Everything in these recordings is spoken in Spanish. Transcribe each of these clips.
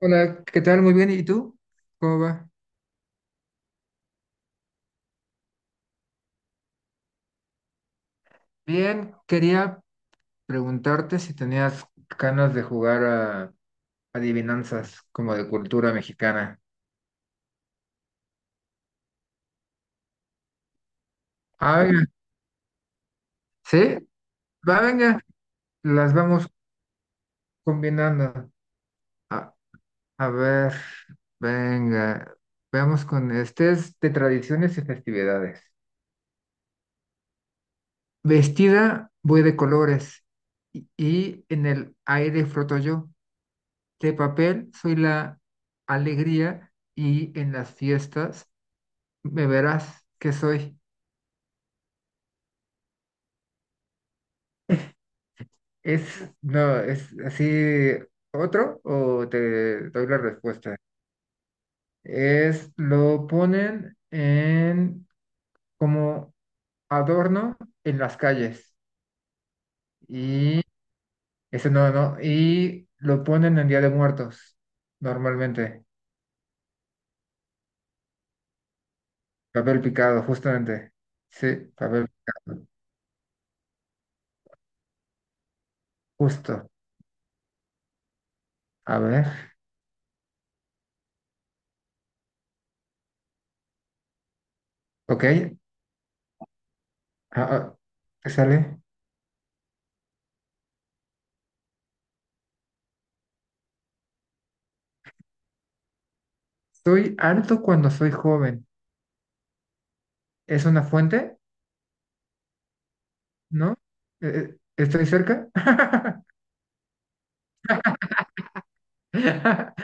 Hola, ¿qué tal? Muy bien. ¿Y tú? ¿Cómo va? Bien, quería preguntarte si tenías ganas de jugar a adivinanzas como de cultura mexicana. Ah, venga. ¿Sí? Va, venga. Las vamos combinando. A, a ver, venga. Veamos con este es de tradiciones y festividades. Vestida voy de colores y en el aire floto yo. De papel soy la alegría y en las fiestas me verás que soy. Es, no, es así otro o te doy la respuesta. Es, lo ponen en como adorno en las calles y eso no, no, y lo ponen en Día de Muertos normalmente. Papel picado, justamente. Sí, papel picado, justo. A ver, ok. Ah, ah, sale. Estoy harto cuando soy joven. ¿Es una fuente? ¿No? ¿Estoy cerca?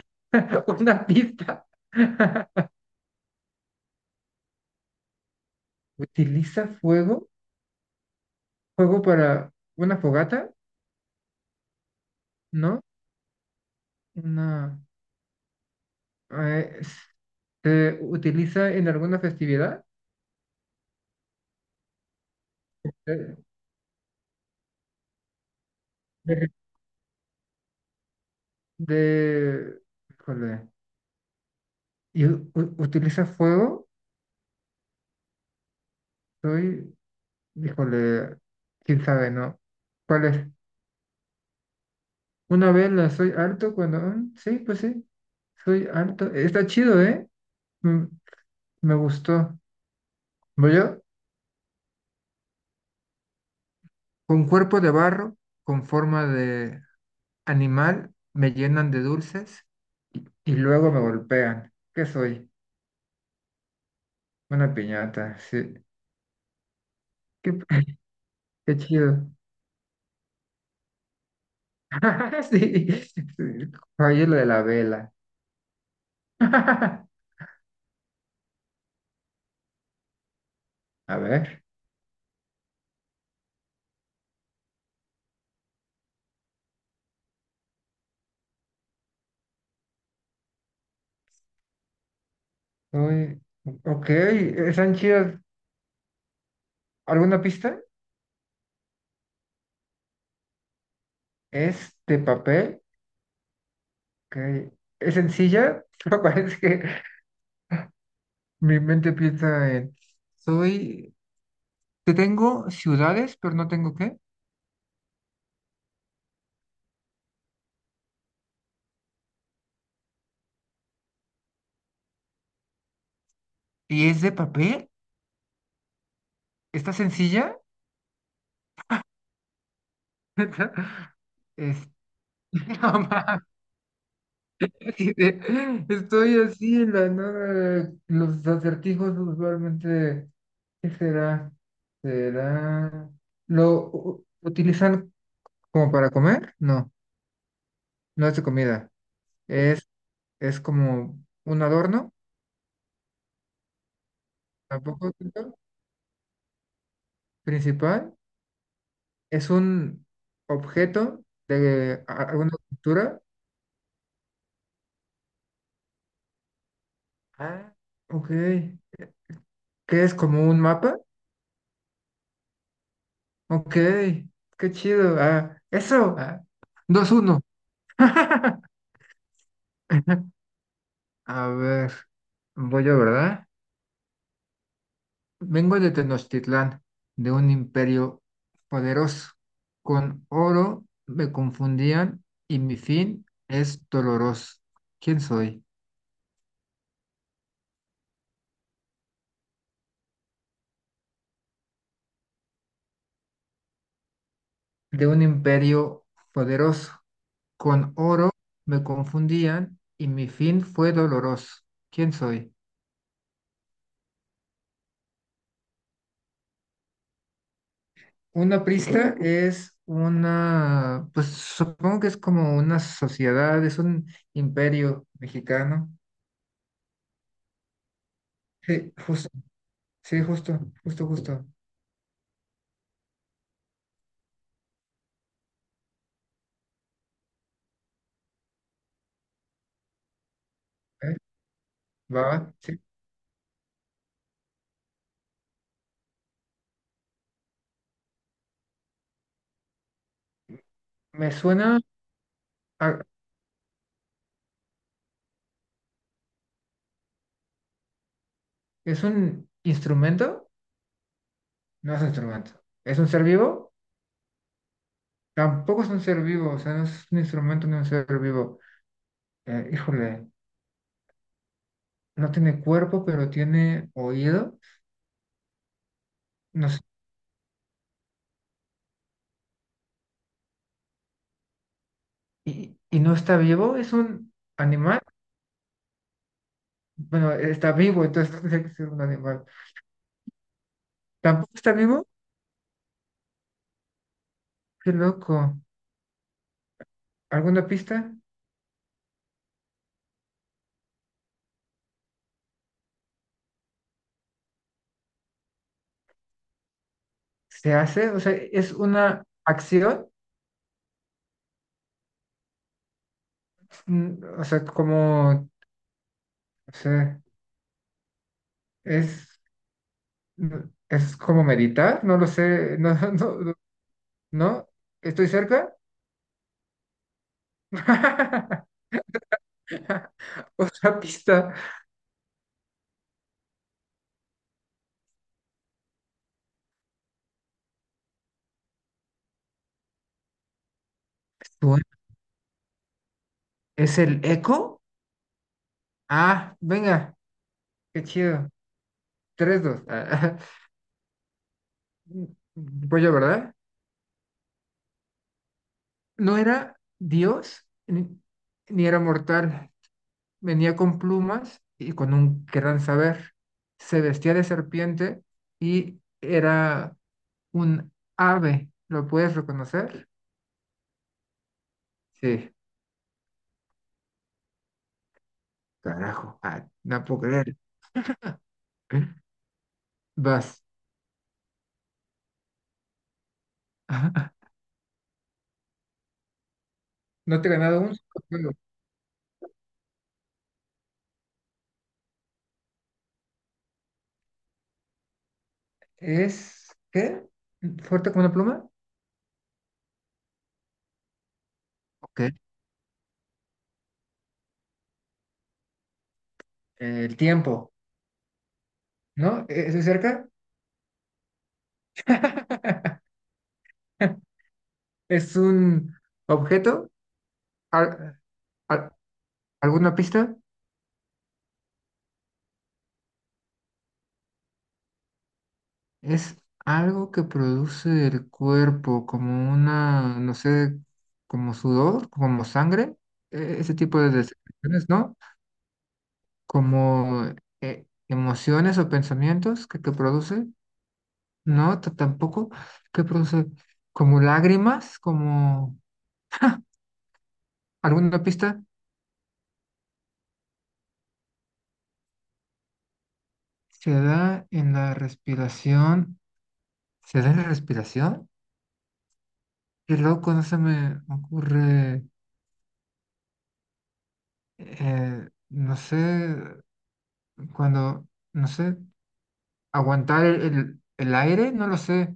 Una pista. ¿Utiliza fuego? ¿Fuego para una fogata? ¿No? Una, eh, ¿se utiliza en alguna festividad? De, de- de- híjole. ¿Y utiliza fuego? Soy, híjole, quién sabe, ¿no? ¿Cuál es? Una vela, soy harto cuando... Mm, sí, pues sí, soy harto. Está chido, ¿eh? Mm, me gustó. Voy yo, con cuerpo de barro, con forma de animal, me llenan de dulces y luego me golpean. ¿Qué soy? Una piñata, sí. Qué, qué chido. Sí, sí. Fallé lo de la vela. A ver. Uy, ok, están chidas. ¿Alguna pista? Es de papel. Ok. Es sencilla, pero parece que mi mente piensa en, soy, te tengo ciudades, pero no tengo qué. ¿Y es de papel? ¿Está sencilla? Es, no mames, y de- estoy así en la nada. Los acertijos usualmente, ¿qué será? ¿Será? ¿Lo utilizan como para comer? No, no es de comida. Es, es como un adorno, tampoco. Principal es un objeto de alguna cultura. Ah, ok. ¿Qué es como un mapa? Ok. Qué chido. Ah, eso. Ah. 2-1. A ver. Voy yo, ¿verdad? Vengo de Tenochtitlán, de un imperio poderoso. Con oro me confundían y mi fin es doloroso. ¿Quién soy? De un imperio poderoso. Con oro me confundían y mi fin fue doloroso. ¿Quién soy? Una prista es una, pues supongo que es como una sociedad, es un imperio mexicano. Sí, justo, sí, justo, justo, justo. ¿Eh? Va, va, sí. Me suena a- ¿es un instrumento? No es un instrumento. ¿Es un ser vivo? Tampoco es un ser vivo, o sea, no es un instrumento ni un ser vivo. Híjole, no tiene cuerpo, pero tiene oído. No sé, y no está vivo, es un animal. Bueno, está vivo, entonces no tendría que ser un animal. Tampoco está vivo, qué loco. ¿Alguna pista? ¿Se hace? O sea, es una acción, mm, o sea, como, o sea es, mm, es como meditar, no lo sé, no, no, no, no, ¿estoy cerca? Otra pista. Bueno, ¿es el eco? Ah, venga, qué chido. Tres, dos. Pues yo, ¿verdad? No era Dios ni, ni era mortal. Venía con plumas y con un gran saber. Se vestía de serpiente y era un ave. ¿Lo puedes reconocer? Sí, carajo. Ah, no puedo creer. Vas. No te he ganado un solo juego. ¿Es qué? ¿Fuerte como una pluma? Ok. El tiempo, ¿no? ¿Es de cerca? Es un objeto. Al- al- ¿Alguna pista? Es algo que produce el cuerpo, como una, no sé, como sudor, como sangre, ese tipo de descripciones, ¿no? Como emociones o pensamientos que produce, ¿no? Tampoco. ¿Que produce? Como lágrimas, como alguna pista. Se da en la respiración. ¿Se da en la respiración? Qué loco, no se me ocurre, no sé, cuando, no sé, aguantar el, el aire, no lo sé,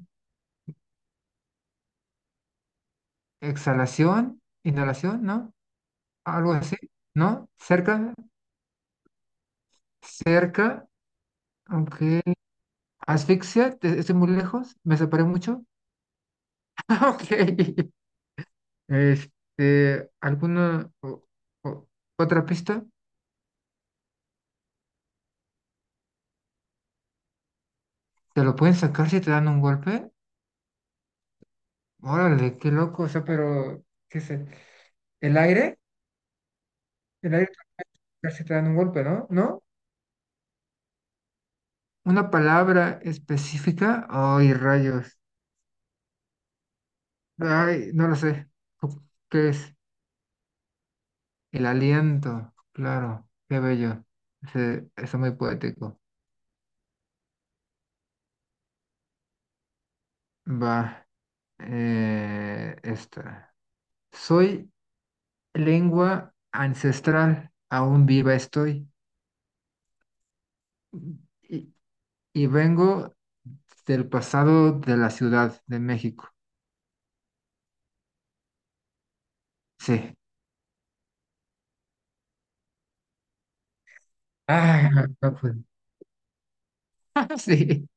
exhalación, inhalación, ¿no? Algo así, ¿no? Cerca, cerca, ok. Asfixia, ¿te- estoy muy lejos, me separé mucho. Ok. Este, ¿alguna o- otra pista? ¿Te lo pueden sacar si te dan un golpe? Órale, qué loco, o sea, pero, ¿qué sé? ¿El aire? El aire casi te dan un golpe, ¿no? ¿No? Una palabra específica. Ay, rayos. Ay, no lo sé. Cu- ¿Qué es? El aliento. Claro, qué bello. Se- está muy poético. Va. Eh, esta. Soy lengua ancestral. Aún viva estoy. Y, y vengo del pasado de la Ciudad de México. Sí. Ah, no, pues, sí.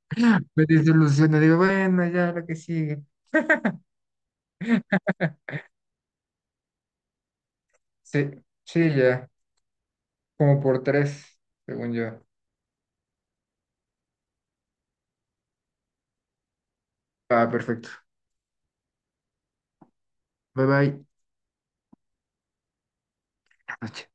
Me desilusioné, digo, bueno, ya lo que sigue. Sí, sí, ya, como por tres, según yo. Ah, perfecto. Bye bye. Buenas noches.